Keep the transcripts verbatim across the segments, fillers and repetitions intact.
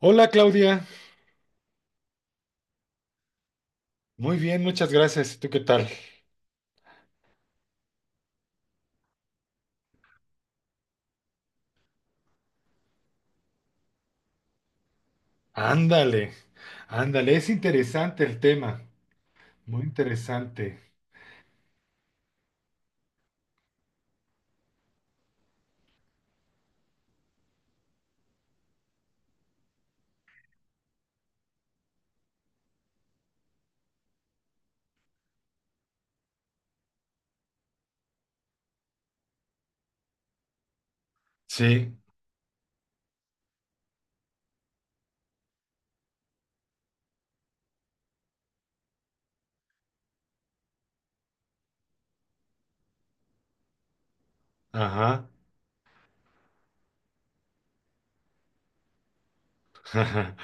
Hola Claudia. Muy bien, muchas gracias. ¿Tú qué tal? Ándale, ándale, es interesante el tema, muy interesante. Sí, ajá.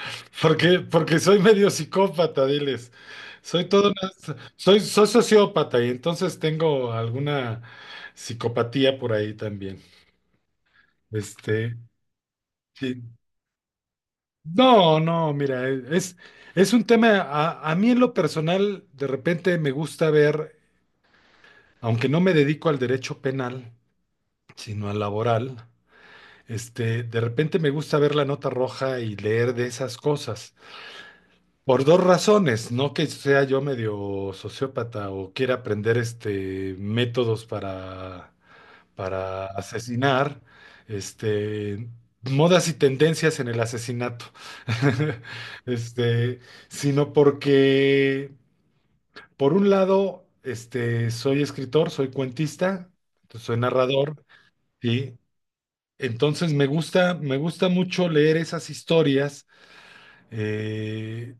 Porque, porque soy medio psicópata, diles. Soy todo una- soy, soy sociópata y entonces tengo alguna psicopatía por ahí también. Este, sí. No, no, mira, es, es un tema, a, a mí en lo personal, de repente me gusta ver. Aunque no me dedico al derecho penal, sino al laboral, este, de repente me gusta ver la nota roja y leer de esas cosas. Por dos razones, no que sea yo medio sociópata o quiera aprender este métodos para, para asesinar, este, modas y tendencias en el asesinato. Este, Sino porque, por un lado, este, soy escritor, soy cuentista, soy narrador. Sí, entonces me gusta, me gusta mucho leer esas historias, eh,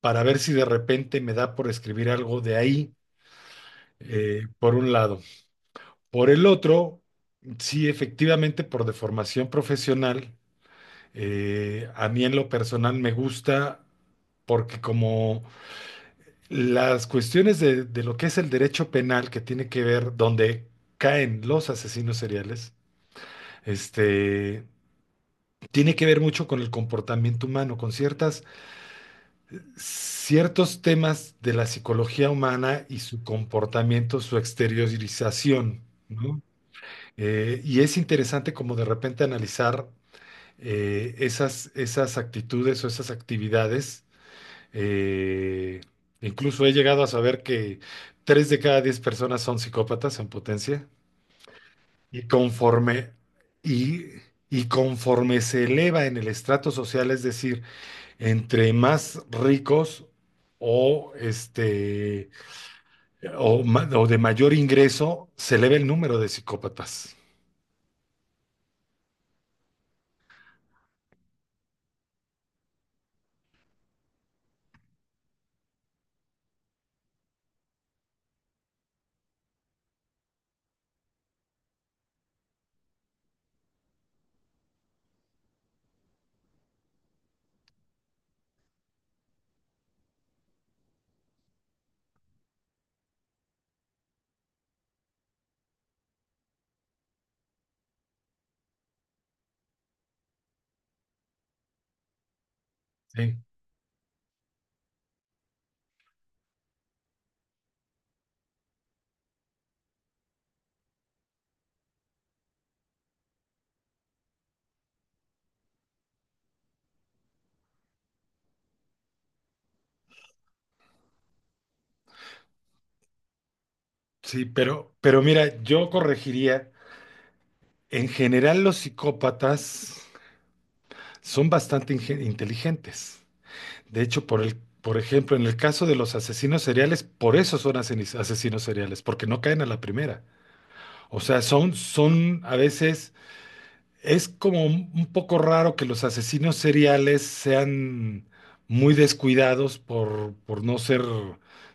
para ver si de repente me da por escribir algo de ahí, eh, por un lado. Por el otro, sí, efectivamente, por deformación profesional, eh, a mí en lo personal me gusta porque como las cuestiones de, de, lo que es el derecho penal que tiene que ver donde caen los asesinos seriales, este tiene que ver mucho con el comportamiento humano, con ciertas, ciertos temas de la psicología humana y su comportamiento, su exteriorización, ¿no? Eh, y es interesante como de repente analizar, eh, esas, esas actitudes o esas actividades. eh, Incluso he llegado a saber que tres de cada diez personas son psicópatas en potencia. Y conforme, y, y conforme se eleva en el estrato social, es decir, entre más ricos o, este, o, ma- o de mayor ingreso, se eleva el número de psicópatas. Sí, sí, pero, pero, mira, yo corregiría: en general los psicópatas son bastante inge- inteligentes. De hecho, por el, por ejemplo, en el caso de los asesinos seriales, por eso son asesinos asesinos seriales, porque no caen a la primera. O sea, son, son, a veces. Es como un un poco raro que los asesinos seriales sean muy descuidados por, por no ser,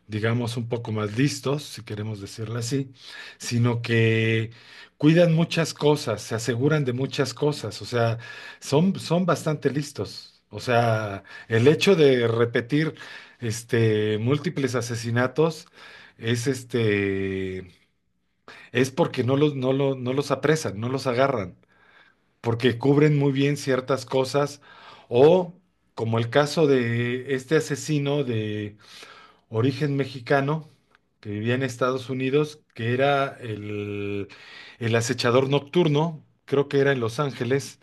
digamos, un poco más listos, si queremos decirlo así, sino que cuidan muchas cosas, se aseguran de muchas cosas. O sea, son, son bastante listos. O sea, el hecho de repetir este, múltiples asesinatos es este, es porque no los, no lo- no los apresan, no los agarran porque cubren muy bien ciertas cosas, o como el caso de este asesino de origen mexicano que vivía en Estados Unidos, que era el, el, acechador nocturno. Creo que era en Los Ángeles.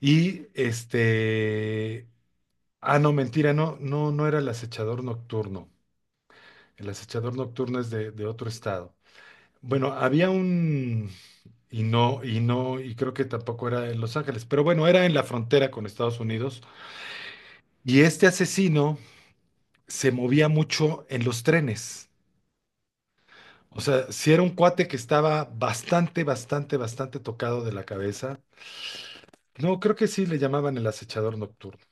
y este, ah, no, mentira, no, no, no era el acechador nocturno. El acechador nocturno es de, de, otro estado. Bueno, había un, y no, y no, y creo que tampoco era en Los Ángeles, pero bueno, era en la frontera con Estados Unidos. Y este asesino se movía mucho en los trenes. O sea, si era un cuate que estaba bastante, bastante, bastante tocado de la cabeza. No, creo que sí le llamaban el acechador nocturno.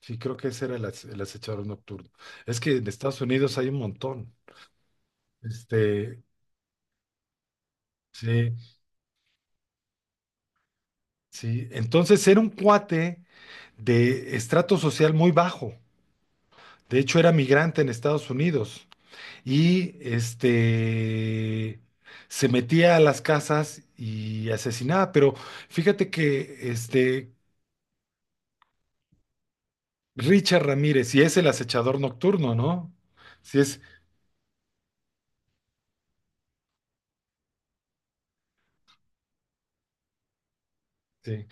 Sí, creo que ese era el, ace- el acechador nocturno. Es que en Estados Unidos hay un montón. Este, sí, sí. Entonces era un cuate de estrato social muy bajo. De hecho, era migrante en Estados Unidos, y este se metía a las casas y asesinaba, pero fíjate que este Richard Ramírez, si es el acechador nocturno, ¿no? Si es, sí.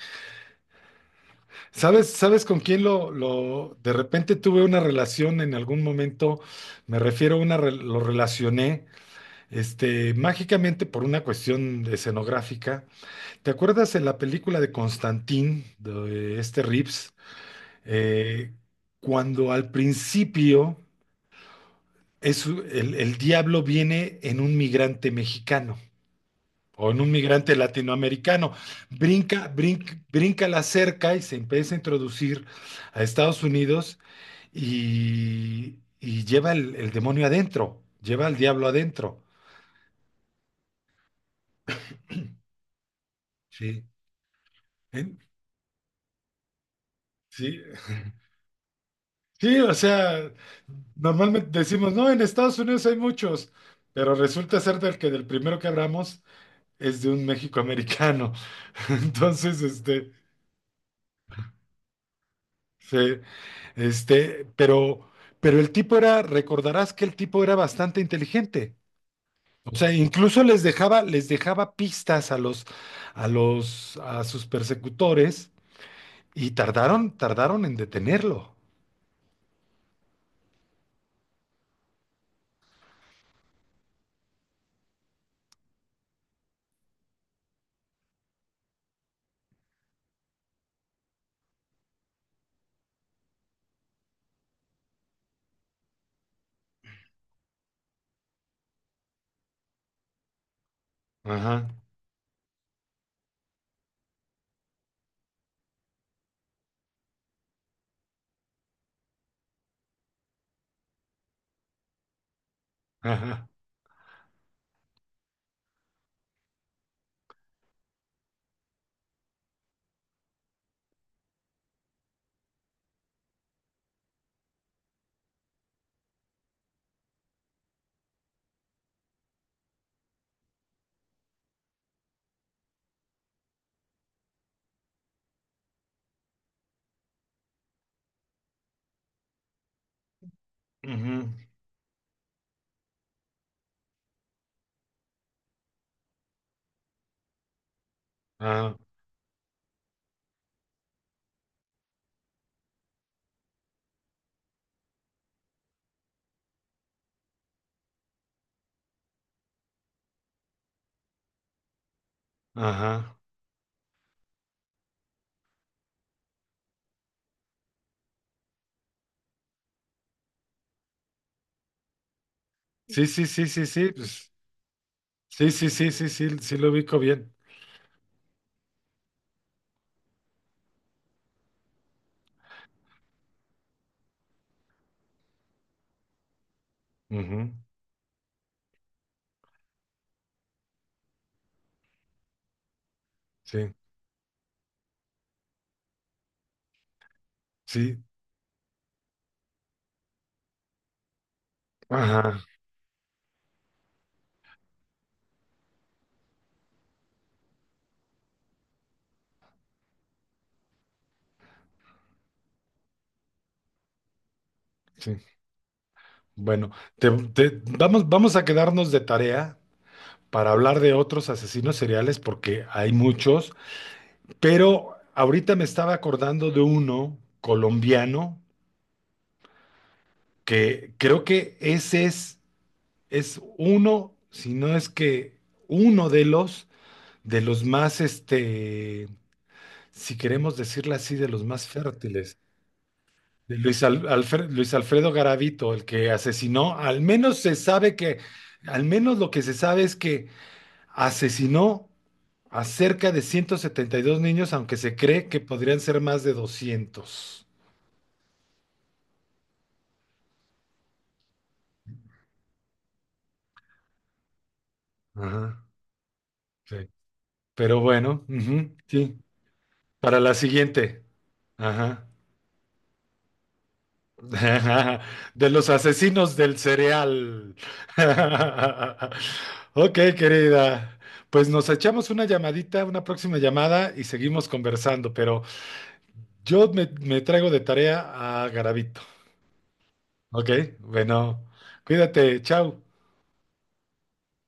¿Sabes, sabes con quién lo, lo, de repente tuve una relación en algún momento? Me refiero a una, re- lo relacioné, este, mágicamente, por una cuestión escenográfica. ¿Te acuerdas de la película de Constantine, de este Reeves? Eh, Cuando al principio es, el, el diablo viene en un migrante mexicano o en un migrante latinoamericano, brinca, brinca, brinca la cerca y se empieza a introducir a Estados Unidos, y, y lleva el, el, demonio adentro, lleva al diablo adentro. Sí. En- Sí, sí. O sea, normalmente decimos, no, en Estados Unidos hay muchos, pero resulta ser del que del primero que abramos es de un México americano. Entonces, este, se- este, pero, pero el tipo era, recordarás que el tipo era bastante inteligente. O sea, incluso les dejaba, les dejaba pistas a los, a los, a sus persecutores, y tardaron, tardaron en detenerlo. Ajá, ajá, ujú, ajá, ajá. Sí, sí, sí, sí, sí, pues, sí, sí, sí, sí, sí, sí lo ubico bien. Ujú, sí, sí, ajá, sí. Bueno, te- te- vamos, vamos a quedarnos de tarea para hablar de otros asesinos seriales porque hay muchos, pero ahorita me estaba acordando de uno colombiano que creo que ese es, es, uno, si no es que uno de los, de los más, este, si queremos decirlo así, de los más fértiles. De Luis, Al- Alfre- Luis Alfredo Garavito, el que asesinó, al menos se sabe que, al menos lo que se sabe es que asesinó a cerca de ciento setenta y dos niños, aunque se cree que podrían ser más de doscientos. Ajá, sí. Pero bueno, ujú, sí. Para la siguiente. Ajá. De los asesinos del cereal. Ok, querida. Pues nos echamos una llamadita, una próxima llamada y seguimos conversando, pero yo me, me traigo de tarea a Garabito. Ok, bueno, cuídate, chao.